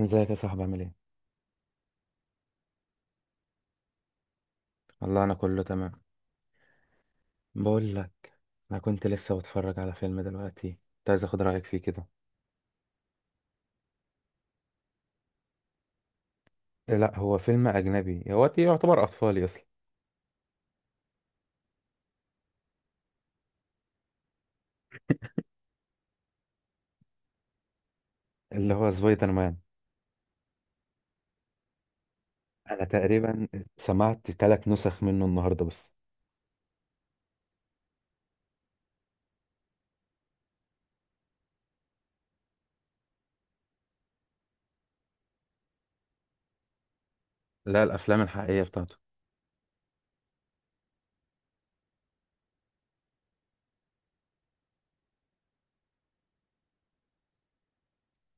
ازيك يا صاحبي؟ عامل ايه؟ والله انا كله تمام. بقول لك، انا لسه بتفرج على فيلم دلوقتي. كنت عايز اخد رايك فيه كده. إيه، لا هو فيلم اجنبي، يعتبر اطفالي اصلا. اللي هو سبايدر مان. انا تقريبا سمعت 3 نسخ منه النهارده بس. لا الافلام الحقيقيه بتاعته.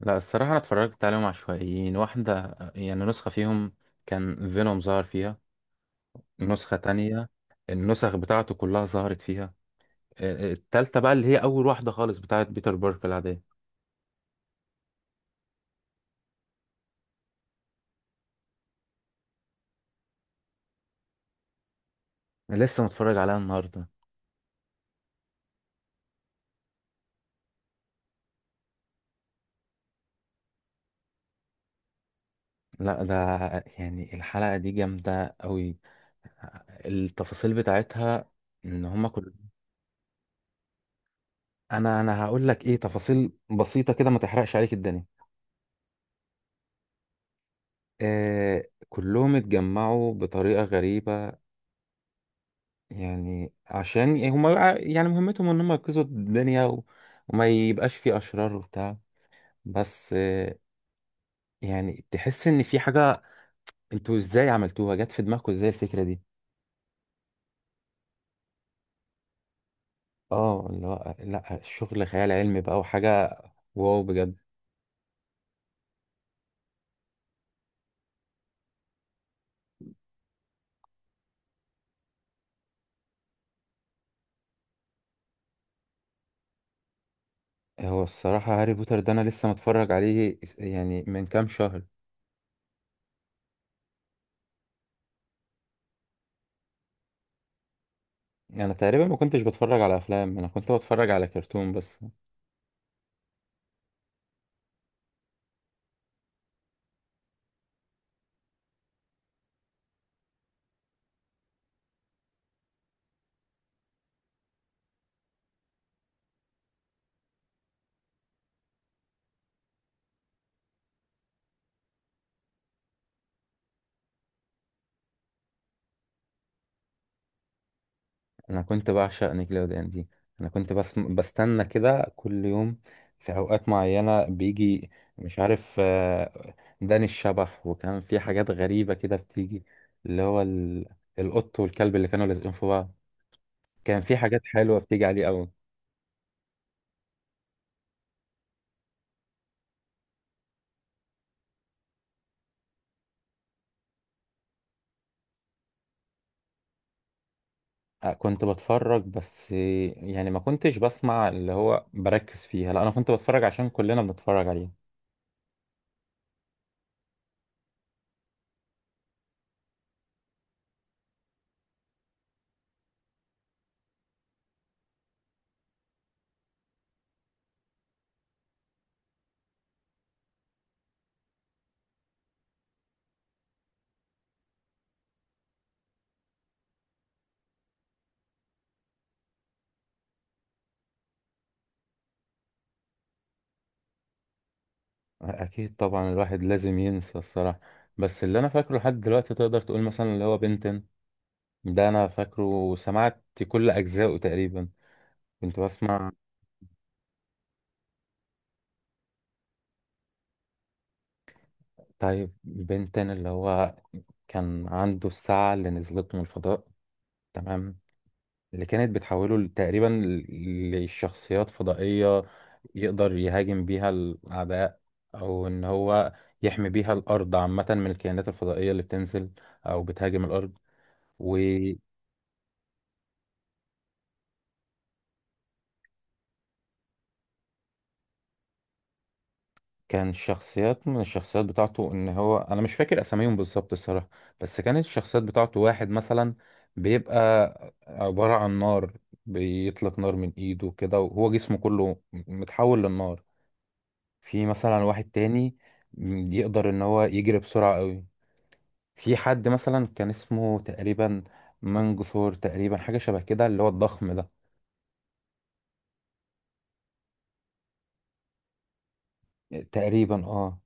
لا الصراحه انا اتفرجت عليهم عشوائيين. واحده يعني نسخه فيهم كان فينوم ظهر فيها. نسخه تانية النسخ بتاعته كلها ظهرت فيها. التالتة بقى اللي هي أول واحدة خالص بتاعت بيتر بارك العادية. أنا لسه متفرج عليها النهارده. لا، ده يعني الحلقة دي جامدة قوي، التفاصيل بتاعتها ان هما كل... انا هقول لك ايه، تفاصيل بسيطة كده ما تحرقش عليك الدنيا. آه، كلهم اتجمعوا بطريقة غريبة، يعني عشان يعني هما يعني مهمتهم ان هما ينقذوا الدنيا و... وما يبقاش في اشرار وبتاع، بس آه يعني تحس ان في حاجة. انتوا ازاي عملتوها؟ جت في دماغكم ازاي الفكرة دي؟ اه، لا الشغل خيال علمي بقى وحاجة، واو بجد. هو الصراحة هاري بوتر ده أنا لسه متفرج عليه يعني من كام شهر. أنا تقريبا ما كنتش بتفرج على أفلام، أنا كنت بتفرج على كرتون بس. أنا كنت بعشق نيكلوديان دي. أنا كنت بس بستنى كده كل يوم في أوقات معينة بيجي، مش عارف، داني الشبح، وكان في حاجات غريبة كده بتيجي، اللي هو ال- القط والكلب اللي كانوا لازقين في بعض. كان في حاجات حلوة بتيجي عليه أوي. كنت بتفرج بس يعني ما كنتش بسمع، اللي هو بركز فيها، لا انا كنت بتفرج عشان كلنا بنتفرج عليه. اكيد طبعا الواحد لازم ينسى الصراحة، بس اللي انا فاكره لحد دلوقتي تقدر تقول مثلا اللي هو بنتن. ده انا فاكره وسمعت كل اجزائه تقريبا، كنت بسمع. طيب بنتن اللي هو كان عنده الساعة اللي نزلت من الفضاء، تمام، اللي كانت بتحوله ل- تقريبا لشخصيات فضائية يقدر يهاجم بيها الأعداء، أو إن هو يحمي بيها الأرض عامة من الكائنات الفضائية اللي بتنزل أو بتهاجم الأرض. وكان شخصيات من الشخصيات بتاعته، إن هو أنا مش فاكر أساميهم بالظبط الصراحة، بس كانت الشخصيات بتاعته واحد مثلا بيبقى عبارة عن نار، بيطلق نار من إيده كده وهو جسمه كله متحول للنار. في مثلا واحد تاني يقدر ان هو يجري بسرعة قوي. في حد مثلا كان اسمه تقريبا منجثور، تقريبا حاجة شبه كده، اللي هو الضخم ده. تقريبا اه.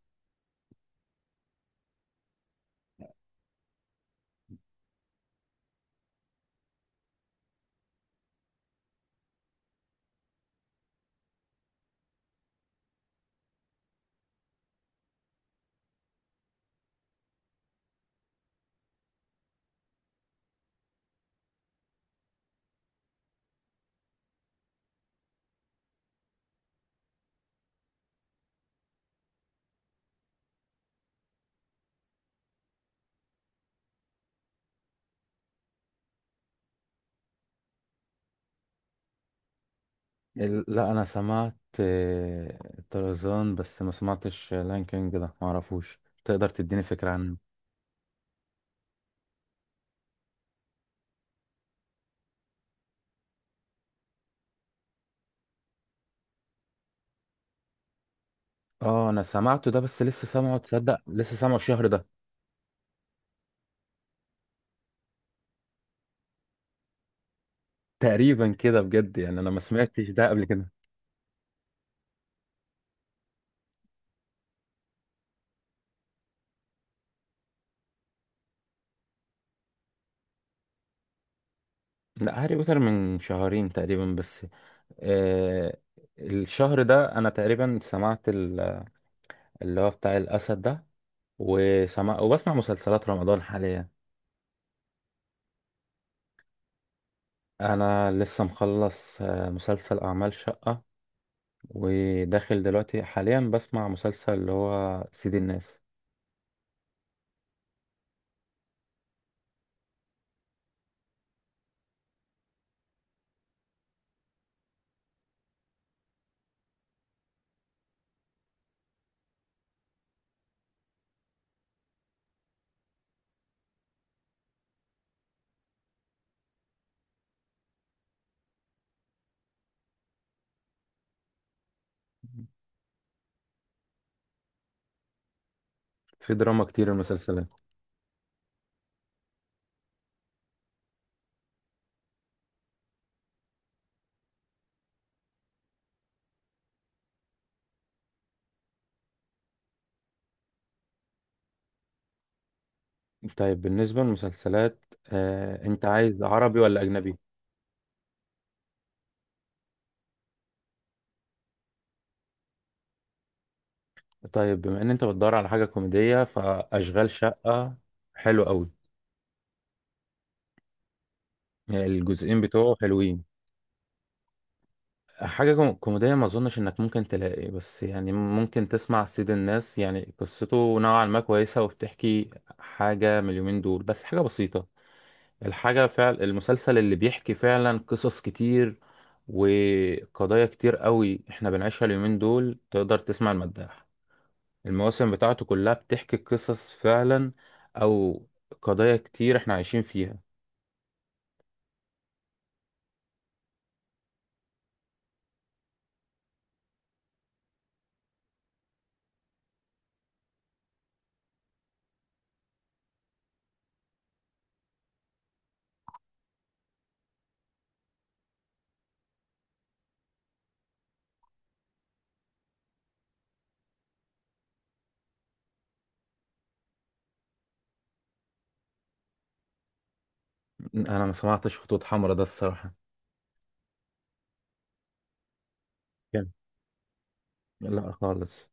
لا انا سمعت طرزان بس، ما سمعتش لاين كينج ده ما اعرفوش. تقدر تديني فكرة عنه؟ اه انا سمعته ده، بس لسه سامعه، تصدق لسه سامعه الشهر ده. تقريبا كده بجد، يعني انا ما سمعتش ده قبل كده. لا هاري بوتر من شهرين تقريبا بس. آه، الشهر ده انا تقريبا سمعت اللي هو بتاع الاسد ده، وسمع وبسمع مسلسلات رمضان حاليا. انا لسه مخلص مسلسل اعمال شقة، وداخل دلوقتي حاليا بسمع مسلسل اللي هو سيد الناس. في دراما كتير المسلسلات. طيب بالنسبة للمسلسلات، انت عايز عربي ولا اجنبي؟ طيب بما ان انت بتدور على حاجة كوميدية، فاشغال شقة حلو قوي، الجزئين بتوعه حلوين. حاجة كوميدية ما أظنش إنك ممكن تلاقي، بس يعني ممكن تسمع سيد الناس، يعني قصته نوعا ما كويسة، وبتحكي حاجة من اليومين دول، بس حاجة بسيطة. الحاجة فعل المسلسل اللي بيحكي فعلا قصص كتير وقضايا كتير قوي إحنا بنعيشها اليومين دول. تقدر تسمع المداح، المواسم بتاعته كلها بتحكي قصص فعلا، أو قضايا كتير إحنا عايشين فيها. أنا ما سمعتش خطوط حمراء ده الصراحة. كان- لا خالص.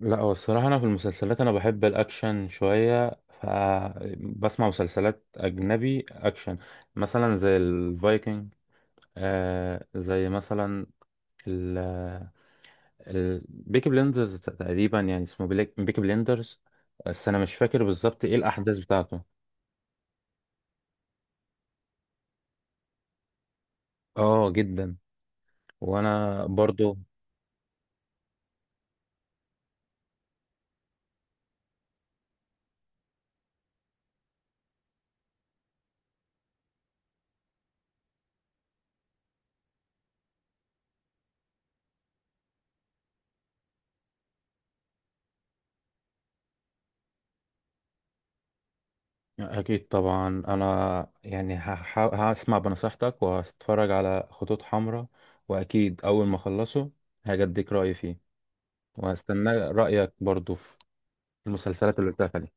لا هو الصراحة أنا في المسلسلات أنا بحب الأكشن شوية، فبسمع مسلسلات أجنبي أكشن، مثلا زي الفايكنج، آه زي مثلا ال ال بيكي بليندرز، تقريبا يعني اسمه بيكي بليندرز، بس أنا مش فاكر بالظبط إيه الأحداث بتاعته. آه جدا، وأنا برضو. أكيد طبعا أنا يعني هسمع بنصيحتك وهتفرج على خطوط حمراء، وأكيد أول ما أخلصه هاجي أديك رأيي فيه، وهستنى رأيك برضو في المسلسلات اللي قلتها.